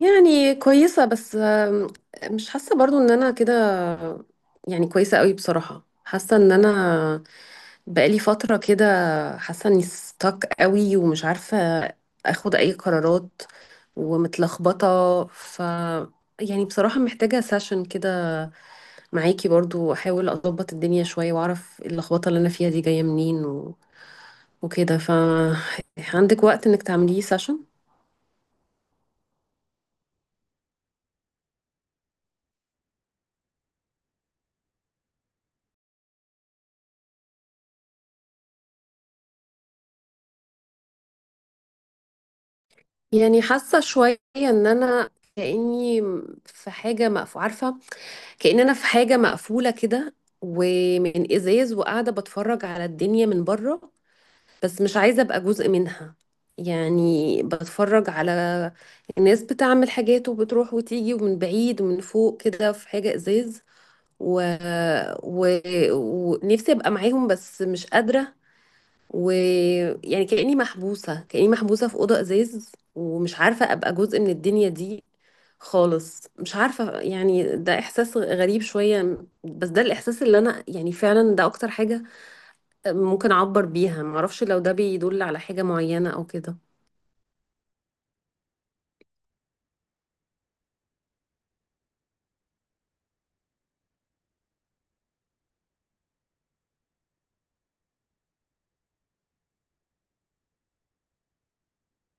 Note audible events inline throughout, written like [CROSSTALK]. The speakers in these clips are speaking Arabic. يعني كويسة بس، مش حاسة برضو ان انا كده. يعني كويسة قوي بصراحة، حاسة ان انا بقالي فترة كده، حاسة اني ستك قوي ومش عارفة اخد اي قرارات، ومتلخبطة، يعني بصراحة محتاجة سيشن كده معاكي برضو، احاول اضبط الدنيا شوية واعرف اللخبطة اللي انا فيها دي جاية منين وكده، عندك وقت انك تعمليه سيشن؟ يعني حاسة شوية ان انا كأني في حاجة مقفولة، عارفة، كأن انا في حاجة مقفولة كده، ومن ازاز، وقاعدة بتفرج على الدنيا من بره بس مش عايزة ابقى جزء منها. يعني بتفرج على الناس بتعمل حاجات وبتروح وتيجي، ومن بعيد ومن فوق كده في حاجة ازاز، و... و... ونفسي ابقى معاهم بس مش قادرة. ويعني كأني محبوسة في أوضة إزاز ومش عارفة أبقى جزء من الدنيا دي خالص. مش عارفة يعني، ده إحساس غريب شوية بس ده الإحساس اللي أنا، يعني فعلا ده أكتر حاجة ممكن أعبر بيها. معرفش لو ده بيدل على حاجة معينة أو كده.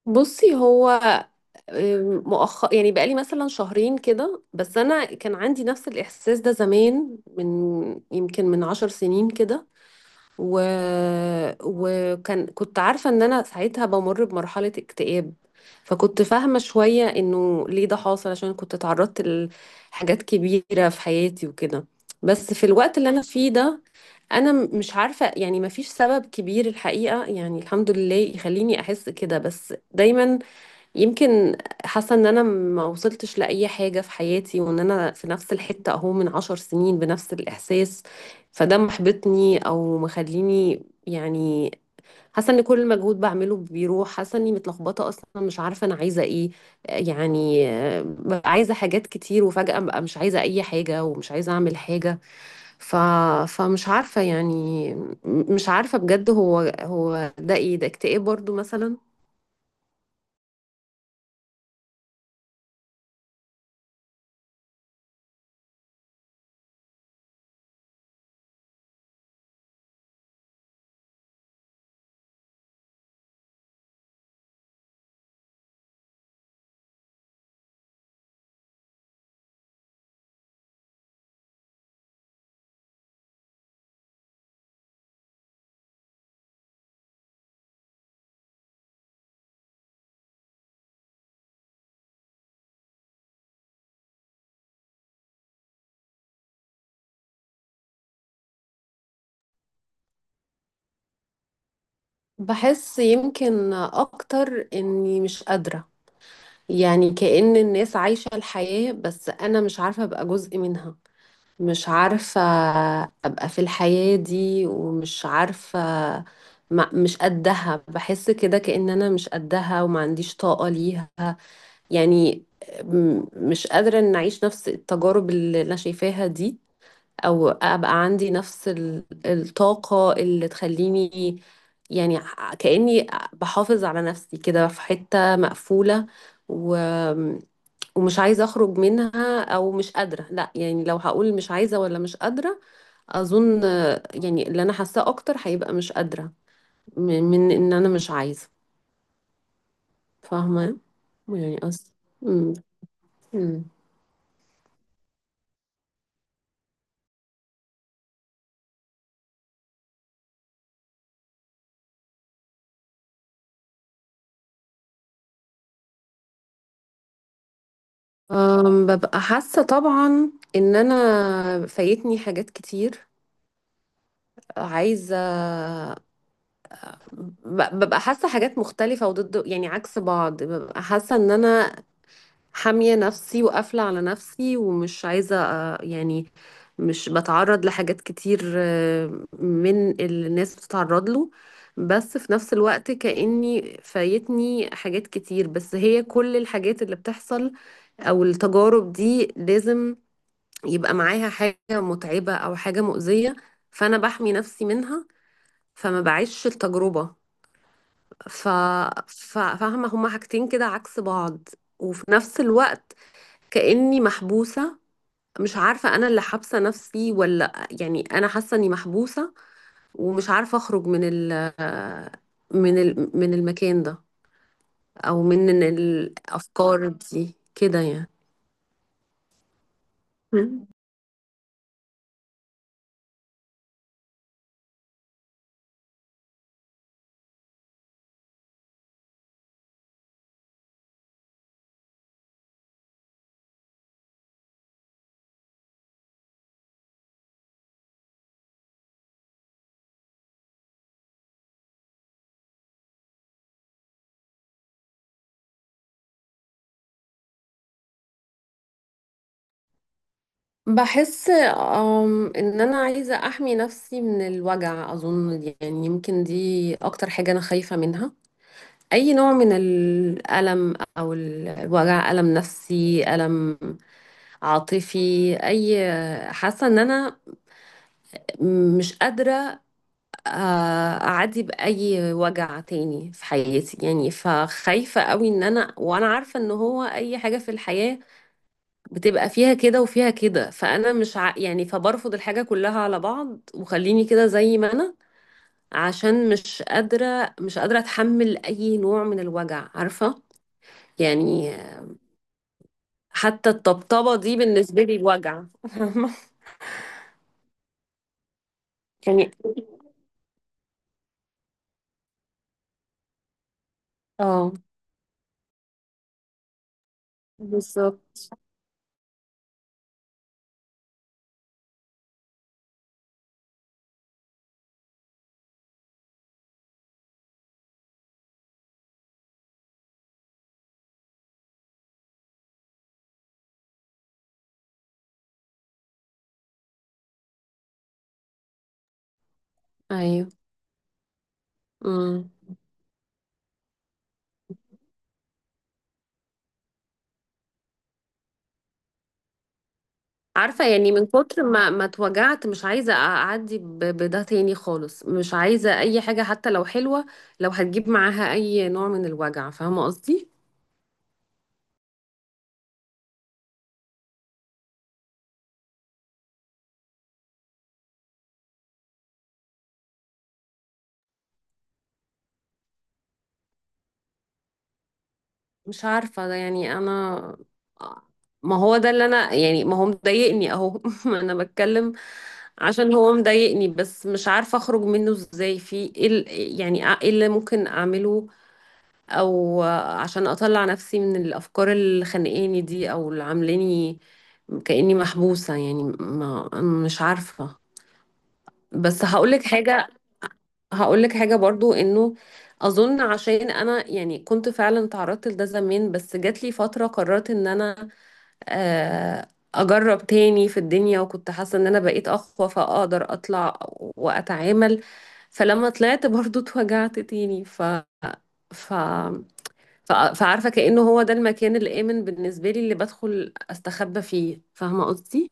بصي، هو مؤخر يعني بقالي مثلا شهرين كده، بس أنا كان عندي نفس الإحساس ده زمان، يمكن من 10 سنين كده، و... وكان كنت عارفة ان انا ساعتها بمر بمرحلة اكتئاب، فكنت فاهمة شوية انه ليه ده حاصل، عشان كنت اتعرضت لحاجات كبيرة في حياتي وكده. بس في الوقت اللي انا فيه ده، انا مش عارفة، يعني مفيش سبب كبير الحقيقة، يعني الحمد لله، يخليني احس كده، بس دايما يمكن حاسة ان انا ما وصلتش لأي حاجة في حياتي، وان انا في نفس الحتة اهو من 10 سنين بنفس الإحساس، فده محبطني او مخليني يعني حاسة ان كل مجهود بعمله بيروح، حاسة اني متلخبطة اصلا، مش عارفة انا عايزة ايه. يعني ببقى عايزة حاجات كتير، وفجأة ببقى مش عايزة اي حاجة ومش عايزة اعمل حاجة، ف... فمش عارفة يعني، مش عارفة بجد، هو ده ايه، ده اكتئاب برضو مثلا؟ بحس يمكن اكتر اني مش قادرة، يعني كأن الناس عايشة الحياة بس انا مش عارفة ابقى جزء منها، مش عارفة ابقى في الحياة دي، ومش عارفة، ما مش قدها، بحس كده كأن انا مش قدها وما عنديش طاقة ليها. يعني مش قادرة ان اعيش نفس التجارب اللي انا شايفاها دي، او ابقى عندي نفس الطاقة اللي تخليني، يعني كأني بحافظ على نفسي كده في حتة مقفولة، و... ومش عايزة اخرج منها او مش قادرة، لا يعني لو هقول مش عايزة ولا مش قادرة، اظن، يعني اللي انا حاساه اكتر هيبقى مش قادرة، م- من ان انا مش عايزة. فاهمة يعني قصدي. مم. مم. ببقى حاسة طبعا ان انا فايتني حاجات كتير، عايزة، ببقى حاسة حاجات مختلفة وضد، يعني عكس بعض، ببقى حاسة ان انا حامية نفسي وقافلة على نفسي ومش عايزة، يعني مش بتعرض لحاجات كتير من اللي الناس بتتعرض له. بس في نفس الوقت كأني فايتني حاجات كتير، بس هي كل الحاجات اللي بتحصل او التجارب دي لازم يبقى معاها حاجة متعبة او حاجة مؤذية، فانا بحمي نفسي منها فما بعيش التجربة. ف... فاهمة، هما حاجتين كده عكس بعض، وفي نفس الوقت كأني محبوسة. مش عارفة أنا اللي حابسة نفسي ولا يعني أنا حاسة إني محبوسة، ومش عارفة أخرج من المكان ده، أو من الأفكار دي كده يعني. مم. بحس إن أنا عايزة أحمي نفسي من الوجع، أظن دي، يعني يمكن دي أكتر حاجة أنا خايفة منها، أي نوع من الألم أو الوجع، ألم نفسي، ألم عاطفي، أي، حاسة إن أنا مش قادرة، آه، أعدي بأي وجع تاني في حياتي. يعني فخايفة قوي، إن أنا وأنا عارفة إن هو أي حاجة في الحياة بتبقى فيها كده وفيها كده، فأنا مش ع... يعني فبرفض الحاجة كلها على بعض، وخليني كده زي ما أنا، عشان مش قادرة أتحمل أي نوع من الوجع. عارفة يعني، حتى الطبطبة دي بالنسبة لي وجع. [LAUGHS] يعني. اه. بالظبط. ايوه. امم. عارفة، يعني من كتر ما اتوجعت، مش عايزة اعدي بده تاني خالص، مش عايزة اي حاجة حتى لو حلوة لو هتجيب معاها اي نوع من الوجع. فاهمة قصدي؟ مش عارفة ده، يعني انا، ما هو ده اللي انا، يعني ما هو مضايقني اهو، [LAUGHS] ما انا بتكلم عشان هو مضايقني، بس مش عارفة اخرج منه ازاي، يعني ايه اللي ممكن اعمله، او عشان اطلع نفسي من الافكار اللي خانقاني دي، او اللي عاملاني كاني محبوسه، يعني ما مش عارفه. بس هقولك حاجه برضو، انه اظن عشان انا، يعني كنت فعلا تعرضت لده زمان، بس جات لي فتره قررت ان انا، آه، اجرب تاني في الدنيا، وكنت حاسه ان انا بقيت اقوى فاقدر اطلع واتعامل، فلما طلعت برضو اتوجعت تاني، ف فعارفة كأنه هو ده المكان الآمن بالنسبة لي اللي بدخل أستخبى فيه. فاهمة قصدي؟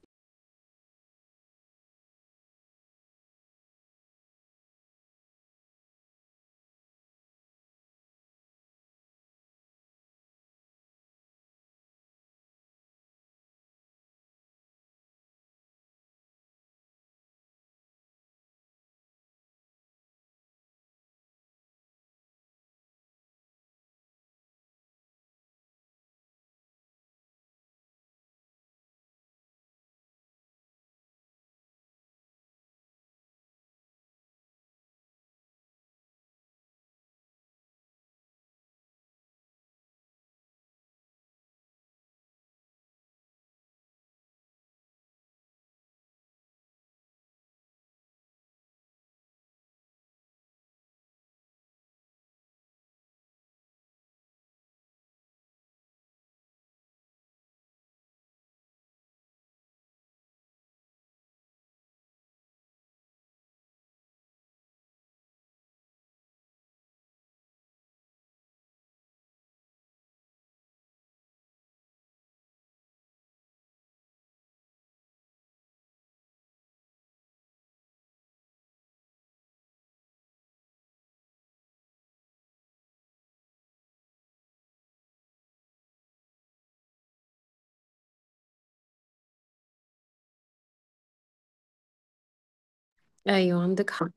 أيوة عندك حق.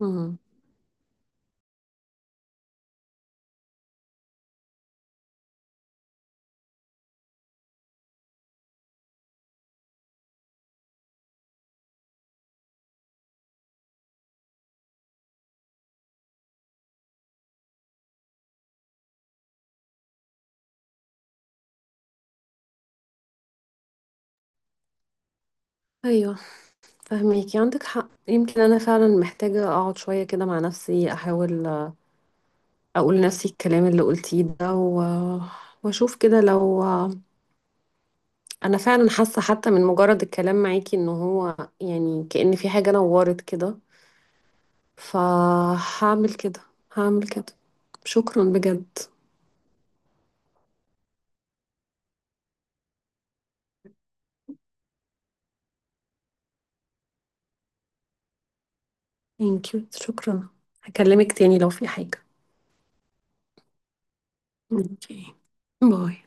مم. أيوة، فهميكي عندك حق، يمكن أنا فعلا محتاجة أقعد شوية كده مع نفسي، أحاول، أقول لنفسي الكلام اللي قلتيه ده، وأشوف كده لو، أنا فعلا حاسة حتى من مجرد الكلام معاكي إنه هو، يعني كأن في حاجة نورت كده. فهعمل كده هعمل كده. شكرا بجد. ثانك يو، شكرا. هكلمك تاني لو في حاجة. اوكي. باي.